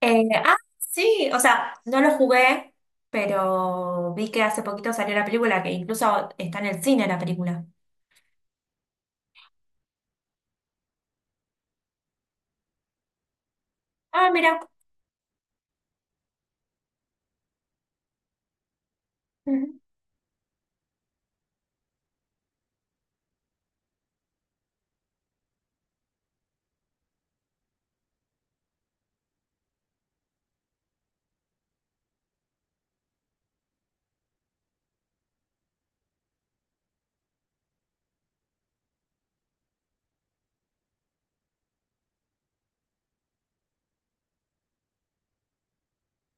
Sí, o sea, no lo jugué, pero vi que hace poquito salió la película, que incluso está en el cine la película. Ah, mira.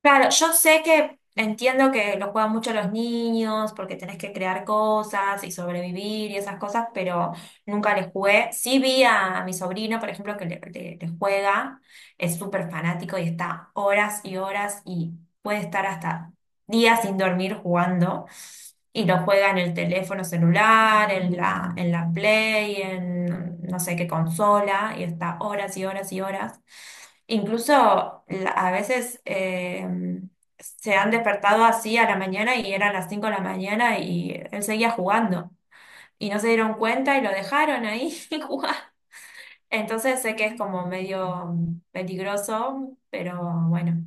Claro, yo sé que entiendo que lo juegan mucho los niños porque tenés que crear cosas y sobrevivir y esas cosas, pero nunca les jugué. Sí vi a mi sobrino, por ejemplo, que le juega, es súper fanático y está horas y horas y puede estar hasta días sin dormir jugando. Y lo juega en el teléfono celular, en la Play, en no sé qué consola, y está horas y horas y horas. Incluso a veces se han despertado así a la mañana y eran las 5 de la mañana y él seguía jugando. Y no se dieron cuenta y lo dejaron ahí jugar. Entonces sé que es como medio peligroso, pero bueno.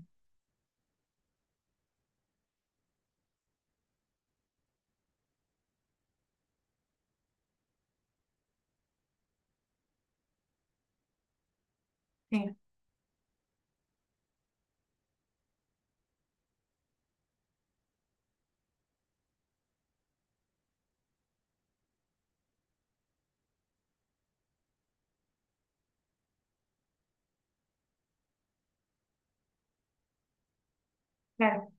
Sí, claro,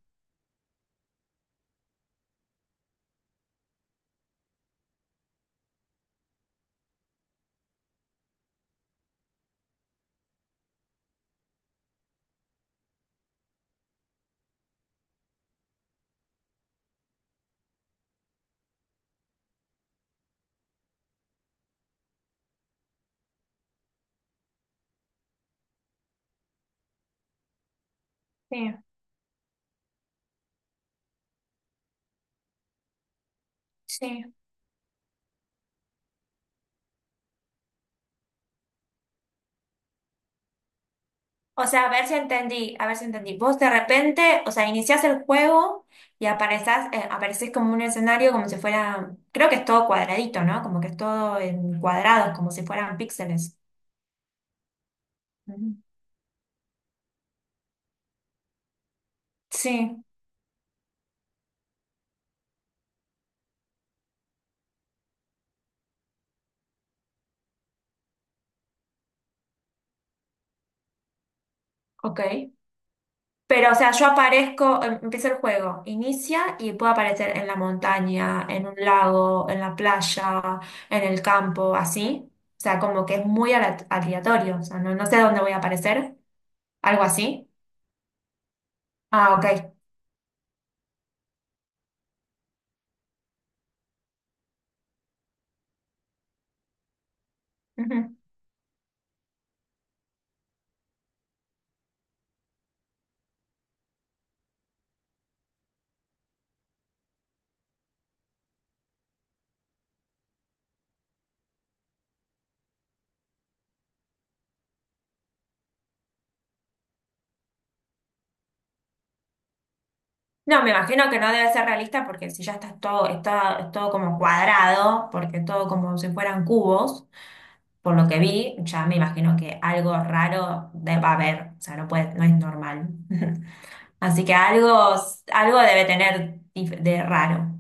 sí, sí. O sea, a ver si entendí, a ver si entendí. Vos de repente, o sea, iniciás el juego y aparecés como un escenario como si fuera, creo que es todo cuadradito, ¿no? Como que es todo en cuadrados, como si fueran píxeles. Ujú. Sí, ok. Pero, o sea, yo aparezco, empieza el juego, inicia y puedo aparecer en la montaña, en un lago, en la playa, en el campo, así. O sea, como que es muy aleatorio, o sea, no, no sé dónde voy a aparecer, algo así. Ah, ok. No, me imagino que no debe ser realista porque si ya es todo como cuadrado, porque todo como si fueran cubos, por lo que vi, ya me imagino que algo raro va a haber, o sea, no puede, no es normal. Así que algo debe tener de raro.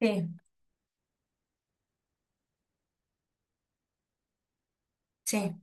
Sí, sí.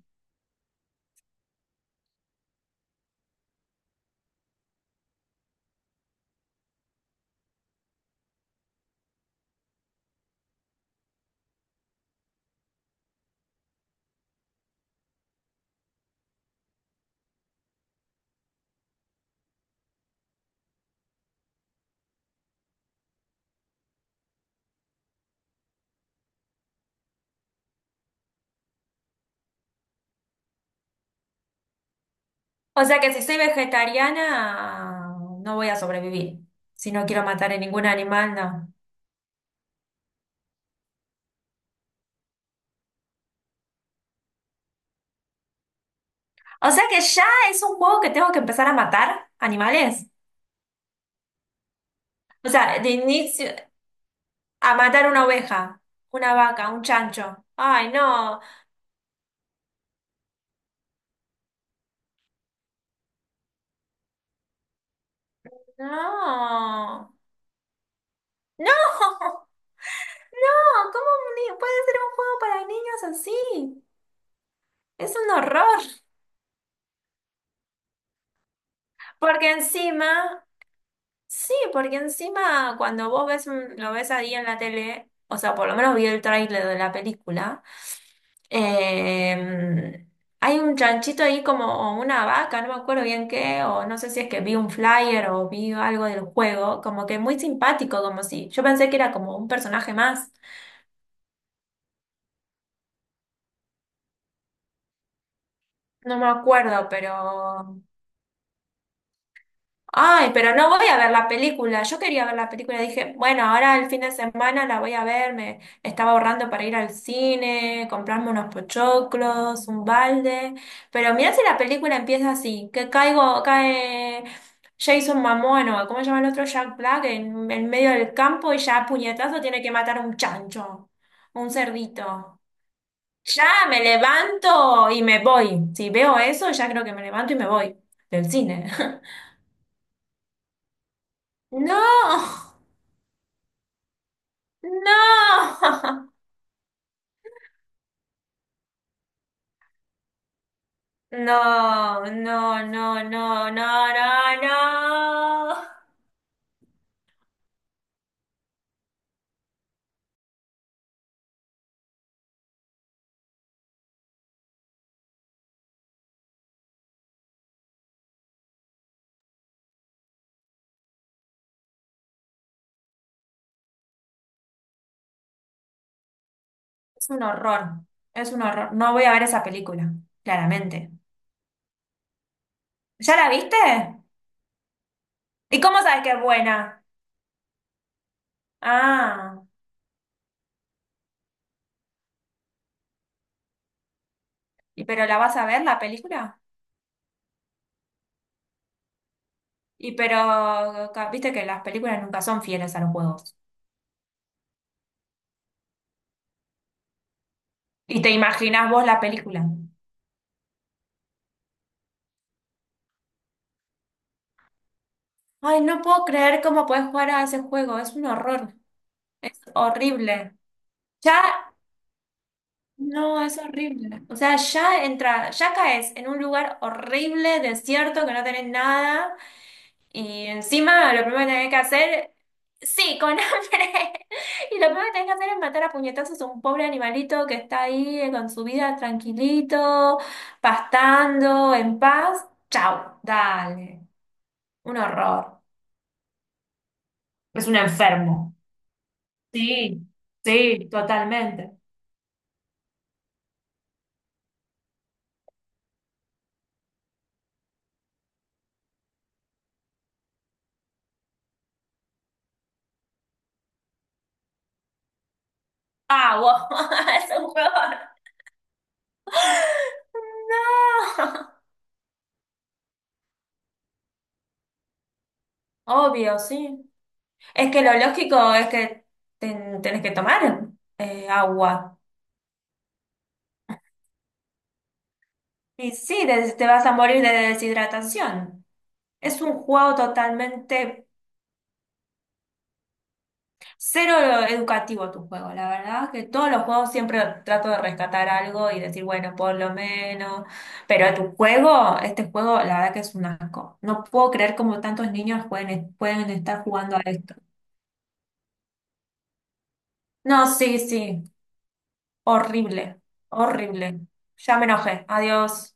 O sea que si soy vegetariana, no voy a sobrevivir. Si no quiero matar a ningún animal, no. O sea que ya es un juego que tengo que empezar a matar animales. O sea, de inicio. A matar una oveja, una vaca, un chancho. Ay, no. No. No. No, ¿cómo un ni- puede ser un juego para niños así? Es un horror. Porque encima, sí, porque encima cuando vos ves lo ves ahí en la tele, o sea, por lo menos vi el tráiler de la película. Eh, Hay un chanchito ahí como una vaca, no me acuerdo bien qué, o no sé si es que vi un flyer o vi algo del juego, como que muy simpático, como si yo pensé que era como un personaje más, no me acuerdo, pero, ay, pero no voy a ver la película. Yo quería ver la película. Dije, bueno, ahora el fin de semana la voy a ver. Me estaba ahorrando para ir al cine, comprarme unos pochoclos, un balde. Pero mirá si la película empieza así, que cae Jason Mamón o ¿cómo se llama el otro? Jack Black en medio del campo y ya a puñetazo tiene que matar a un chancho, un cerdito. Ya me levanto y me voy. Si veo eso, ya creo que me levanto y me voy del cine. No. No, no, no, no, no, no, no, no. Es un horror, es un horror. No voy a ver esa película, claramente. ¿Ya la viste? ¿Y cómo sabes que es buena? Ah, ¿y pero la vas a ver la película? Y pero viste que las películas nunca son fieles a los juegos. ¿Y te imaginas vos la película? Ay, no puedo creer cómo puedes jugar a ese juego, es un horror, es horrible. Ya. No, es horrible. O sea, ya entra, ya caes en un lugar horrible, desierto, que no tenés nada, y encima lo primero que tenés que hacer, sí, con hambre. Y lo primero que tenés que hacer es matar a puñetazos a un pobre animalito que está ahí con su vida tranquilito, pastando, en paz. Chau, dale. Un horror. Es un enfermo. Sí, sí, totalmente. Ah, wow, es un juego. No. Obvio, sí. Es que lo lógico es que tenés que tomar agua. Y sí, te vas a morir de deshidratación. Es un juego totalmente cero educativo tu juego, la verdad. Que todos los juegos siempre trato de rescatar algo y decir, bueno, por lo menos. Pero tu juego, este juego, la verdad que es un asco. No puedo creer cómo tantos niños pueden estar jugando a esto. No, sí, sí. Horrible, horrible. Ya me enojé. Adiós.